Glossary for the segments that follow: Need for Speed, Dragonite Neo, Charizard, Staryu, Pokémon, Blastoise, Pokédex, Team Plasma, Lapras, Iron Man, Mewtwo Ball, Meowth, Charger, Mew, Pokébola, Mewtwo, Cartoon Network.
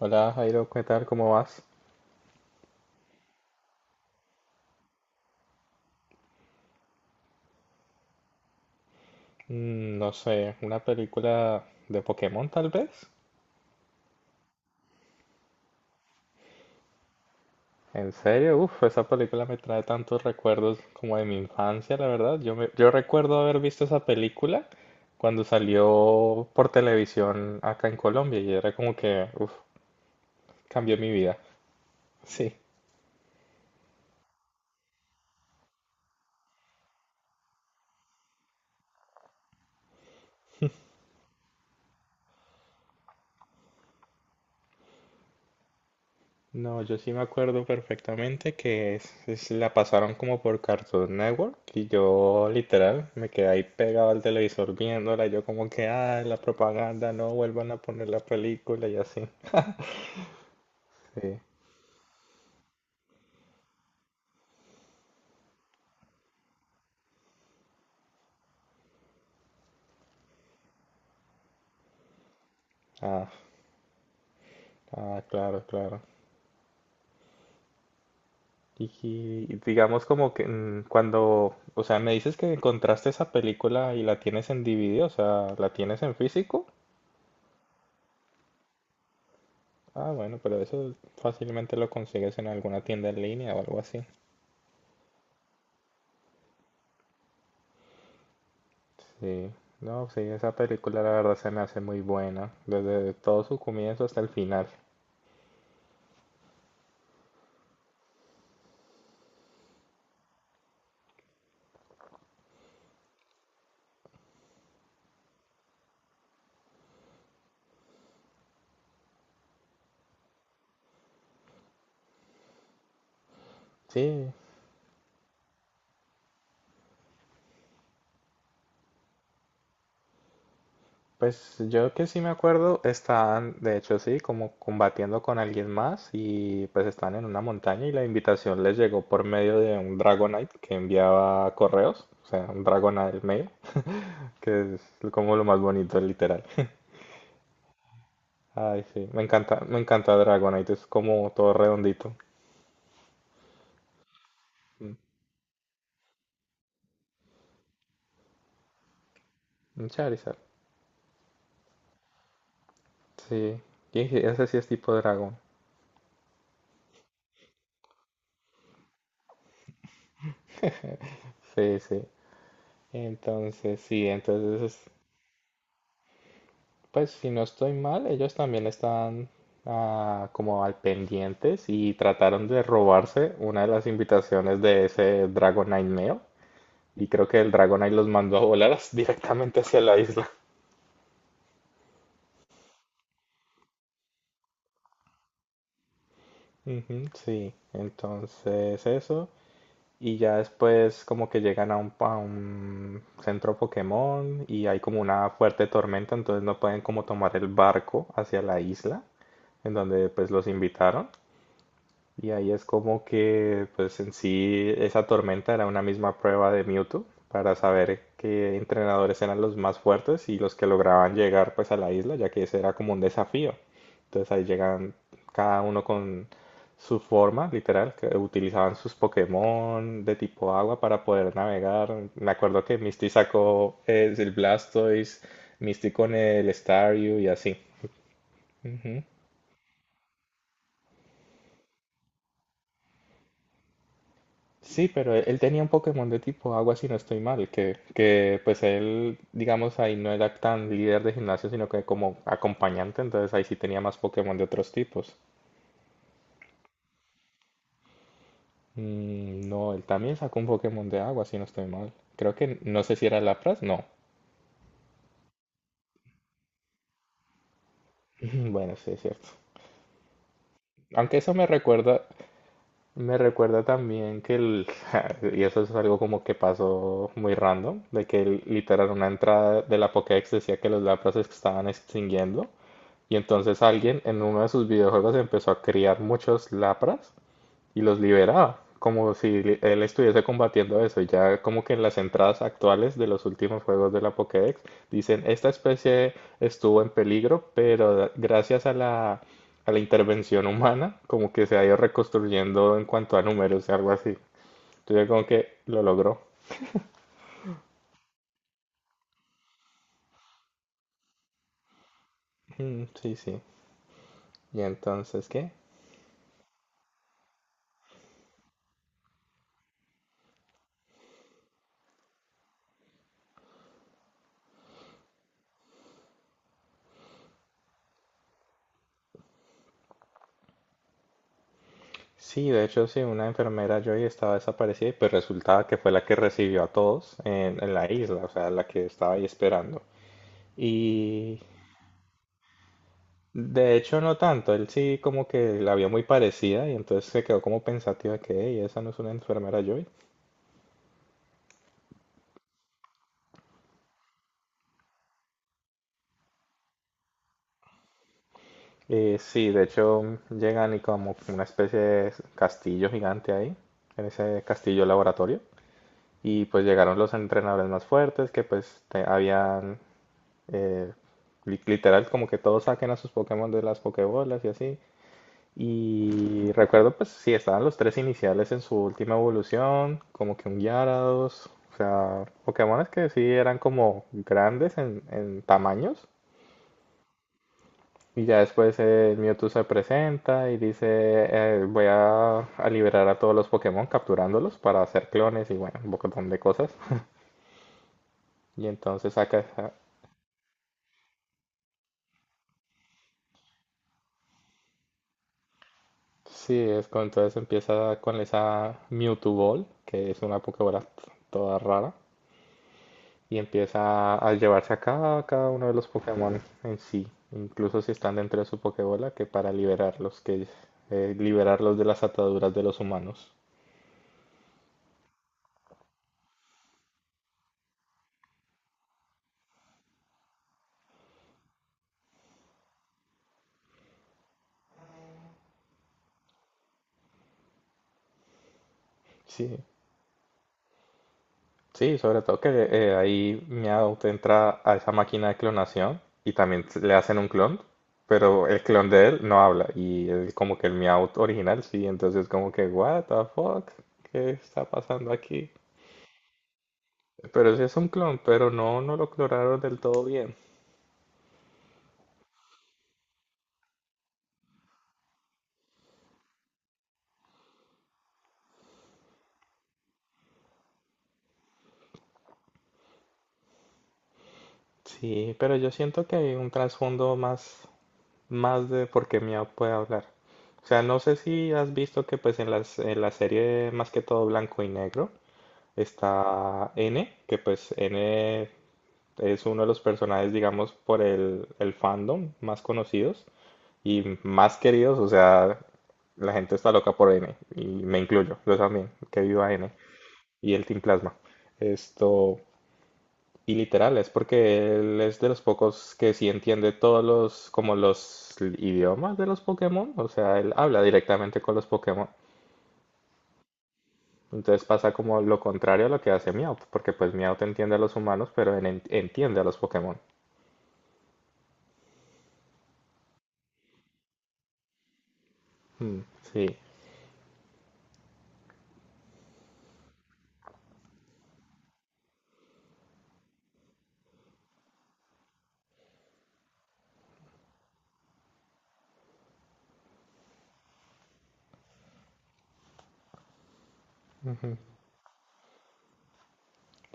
Hola Jairo, ¿qué tal? ¿Cómo vas? Mm, no sé, una película de Pokémon tal vez. ¿En serio? Uf, esa película me trae tantos recuerdos como de mi infancia, la verdad. Yo recuerdo haber visto esa película cuando salió por televisión acá en Colombia y era como que, uf, cambió mi vida. Sí. No, yo sí me acuerdo perfectamente que la pasaron como por Cartoon Network, y yo literal me quedé ahí pegado al televisor viéndola, yo como que, ah, la propaganda, no vuelvan a poner la película y así. Sí, ah, ah, claro, claro. Y, y digamos como que cuando, o sea, me dices que encontraste esa película y la tienes en DVD, o sea, ¿la tienes en físico? Ah, bueno, pero eso fácilmente lo consigues en alguna tienda en línea o algo así. Sí, no, sí, esa película la verdad se me hace muy buena, desde todo su comienzo hasta el final. Sí, pues yo que sí me acuerdo, están, de hecho sí, como combatiendo con alguien más, y pues están en una montaña y la invitación les llegó por medio de un Dragonite que enviaba correos, o sea, un Dragonite mail, que es como lo más bonito, literal. Ay, sí, me encanta Dragonite, es como todo redondito. Mm. Un Charizard. Sí, y sí, ese sí es tipo dragón. Sí, sí. Entonces, sí, entonces, pues si no estoy mal, ellos también están como al pendientes, y trataron de robarse una de las invitaciones de ese Dragonite Neo. Y creo que el Dragonite los mandó a volar directamente hacia la isla. Ujú, sí, entonces eso. Y ya después como que llegan a un centro Pokémon, y hay como una fuerte tormenta, entonces no pueden como tomar el barco hacia la isla en donde pues los invitaron. Y ahí es como que, pues en sí, esa tormenta era una misma prueba de Mewtwo para saber qué entrenadores eran los más fuertes y los que lograban llegar pues a la isla, ya que ese era como un desafío. Entonces ahí llegan cada uno con su forma, literal, que utilizaban sus Pokémon de tipo agua para poder navegar. Me acuerdo que Misty sacó el Blastoise, Misty con el Staryu y así. Sí, pero él tenía un Pokémon de tipo agua, si no estoy mal, que pues él, digamos, ahí no era tan líder de gimnasio, sino que como acompañante, entonces ahí sí tenía más Pokémon de otros tipos. Mm, no, él también sacó un Pokémon de agua, si no estoy mal. Creo que no sé si era Lapras, no. Bueno, sí, es cierto. Aunque eso me recuerda también y eso es algo como que pasó muy random, de que literal una entrada de la Pokédex decía que los Lapras se estaban extinguiendo. Y entonces alguien en uno de sus videojuegos empezó a criar muchos lapras y los liberaba, como si él estuviese combatiendo eso. Y ya como que en las entradas actuales de los últimos juegos de la Pokédex dicen, esta especie estuvo en peligro, pero gracias a la intervención humana, como que se ha ido reconstruyendo en cuanto a números, algo así. Entonces como que lo logró. Mm, sí, sí. Y entonces, ¿qué? Sí, de hecho, sí, una enfermera Joy estaba desaparecida, y pues resultaba que fue la que recibió a todos en la isla, o sea, la que estaba ahí esperando. Y de hecho no tanto, él sí como que la vio muy parecida y entonces se quedó como pensativa que, "Ey, esa no es una enfermera Joy". Sí, de hecho llegan y como una especie de castillo gigante ahí, en ese castillo laboratorio. Y pues llegaron los entrenadores más fuertes que pues habían eh, literal, como que todos saquen a sus Pokémon de las Pokébolas y así. Y recuerdo, pues sí, estaban los tres iniciales en su última evolución, como que un Gyarados, o sea, Pokémones que sí eran como grandes en tamaños. Y ya después el Mewtwo se presenta y dice, voy a liberar a todos los Pokémon capturándolos para hacer clones y bueno, un montón de cosas. Y entonces saca. Sí, es cuando entonces empieza con esa Mewtwo Ball, que es una Pokébola toda rara, y empieza a llevarse a cada uno de los Pokémon en sí, incluso si están dentro de su Pokébola, que para liberarlos, que liberarlos de las ataduras de los humanos. Sí, sí, sobre todo que ahí Meow te entra a esa máquina de clonación y también le hacen un clon, pero el clon de él no habla y es como que el Meow original sí, entonces como que what the fuck, ¿qué está pasando aquí? Pero sí es un clon, pero no, no lo clonaron del todo bien. Sí, pero yo siento que hay un trasfondo más de por qué Meow puede hablar. O sea, no sé si has visto que pues en la serie más que todo blanco y negro, está N, que pues N es uno de los personajes, digamos, por el fandom más conocidos y más queridos. O sea, la gente está loca por N, y me incluyo, yo también, que viva N y el Team Plasma. Esto, y literal, es porque él es de los pocos que sí entiende todos los, como los idiomas de los Pokémon. O sea, él habla directamente con los Pokémon. Entonces pasa como lo contrario a lo que hace Meowth, porque pues Meowth entiende a los humanos, pero entiende a los Pokémon. Mm, sí, ujú,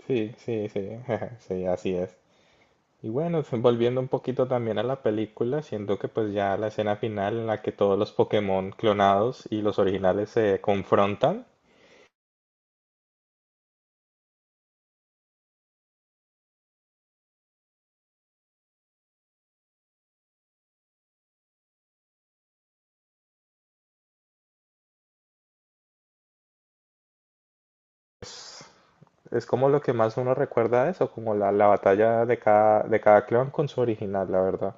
sí, sí, sí, sí, así es. Y bueno, volviendo un poquito también a la película, siento que pues ya la escena final en la que todos los Pokémon clonados y los originales se confrontan, es como lo que más uno recuerda de eso, como la batalla de cada clon con su original, la verdad.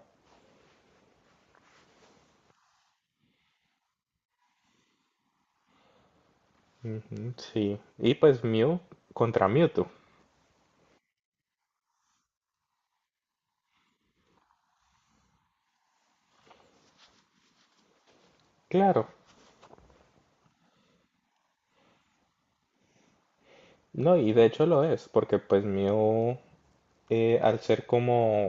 Ujú, sí, y pues Mew contra Mewtwo, claro. No, y de hecho lo es, porque pues Mew, al ser como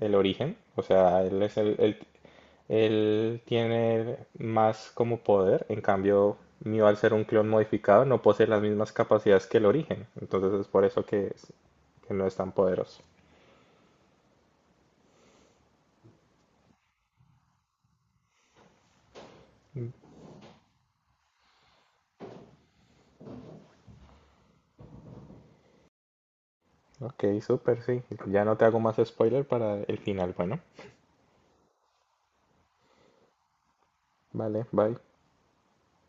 el origen, o sea, él es él tiene más como poder, en cambio Mew al ser un clon modificado no posee las mismas capacidades que el origen, entonces es por eso que que no es tan poderoso. Ok, súper, sí, ya no te hago más spoiler para el final, bueno, vale, bye.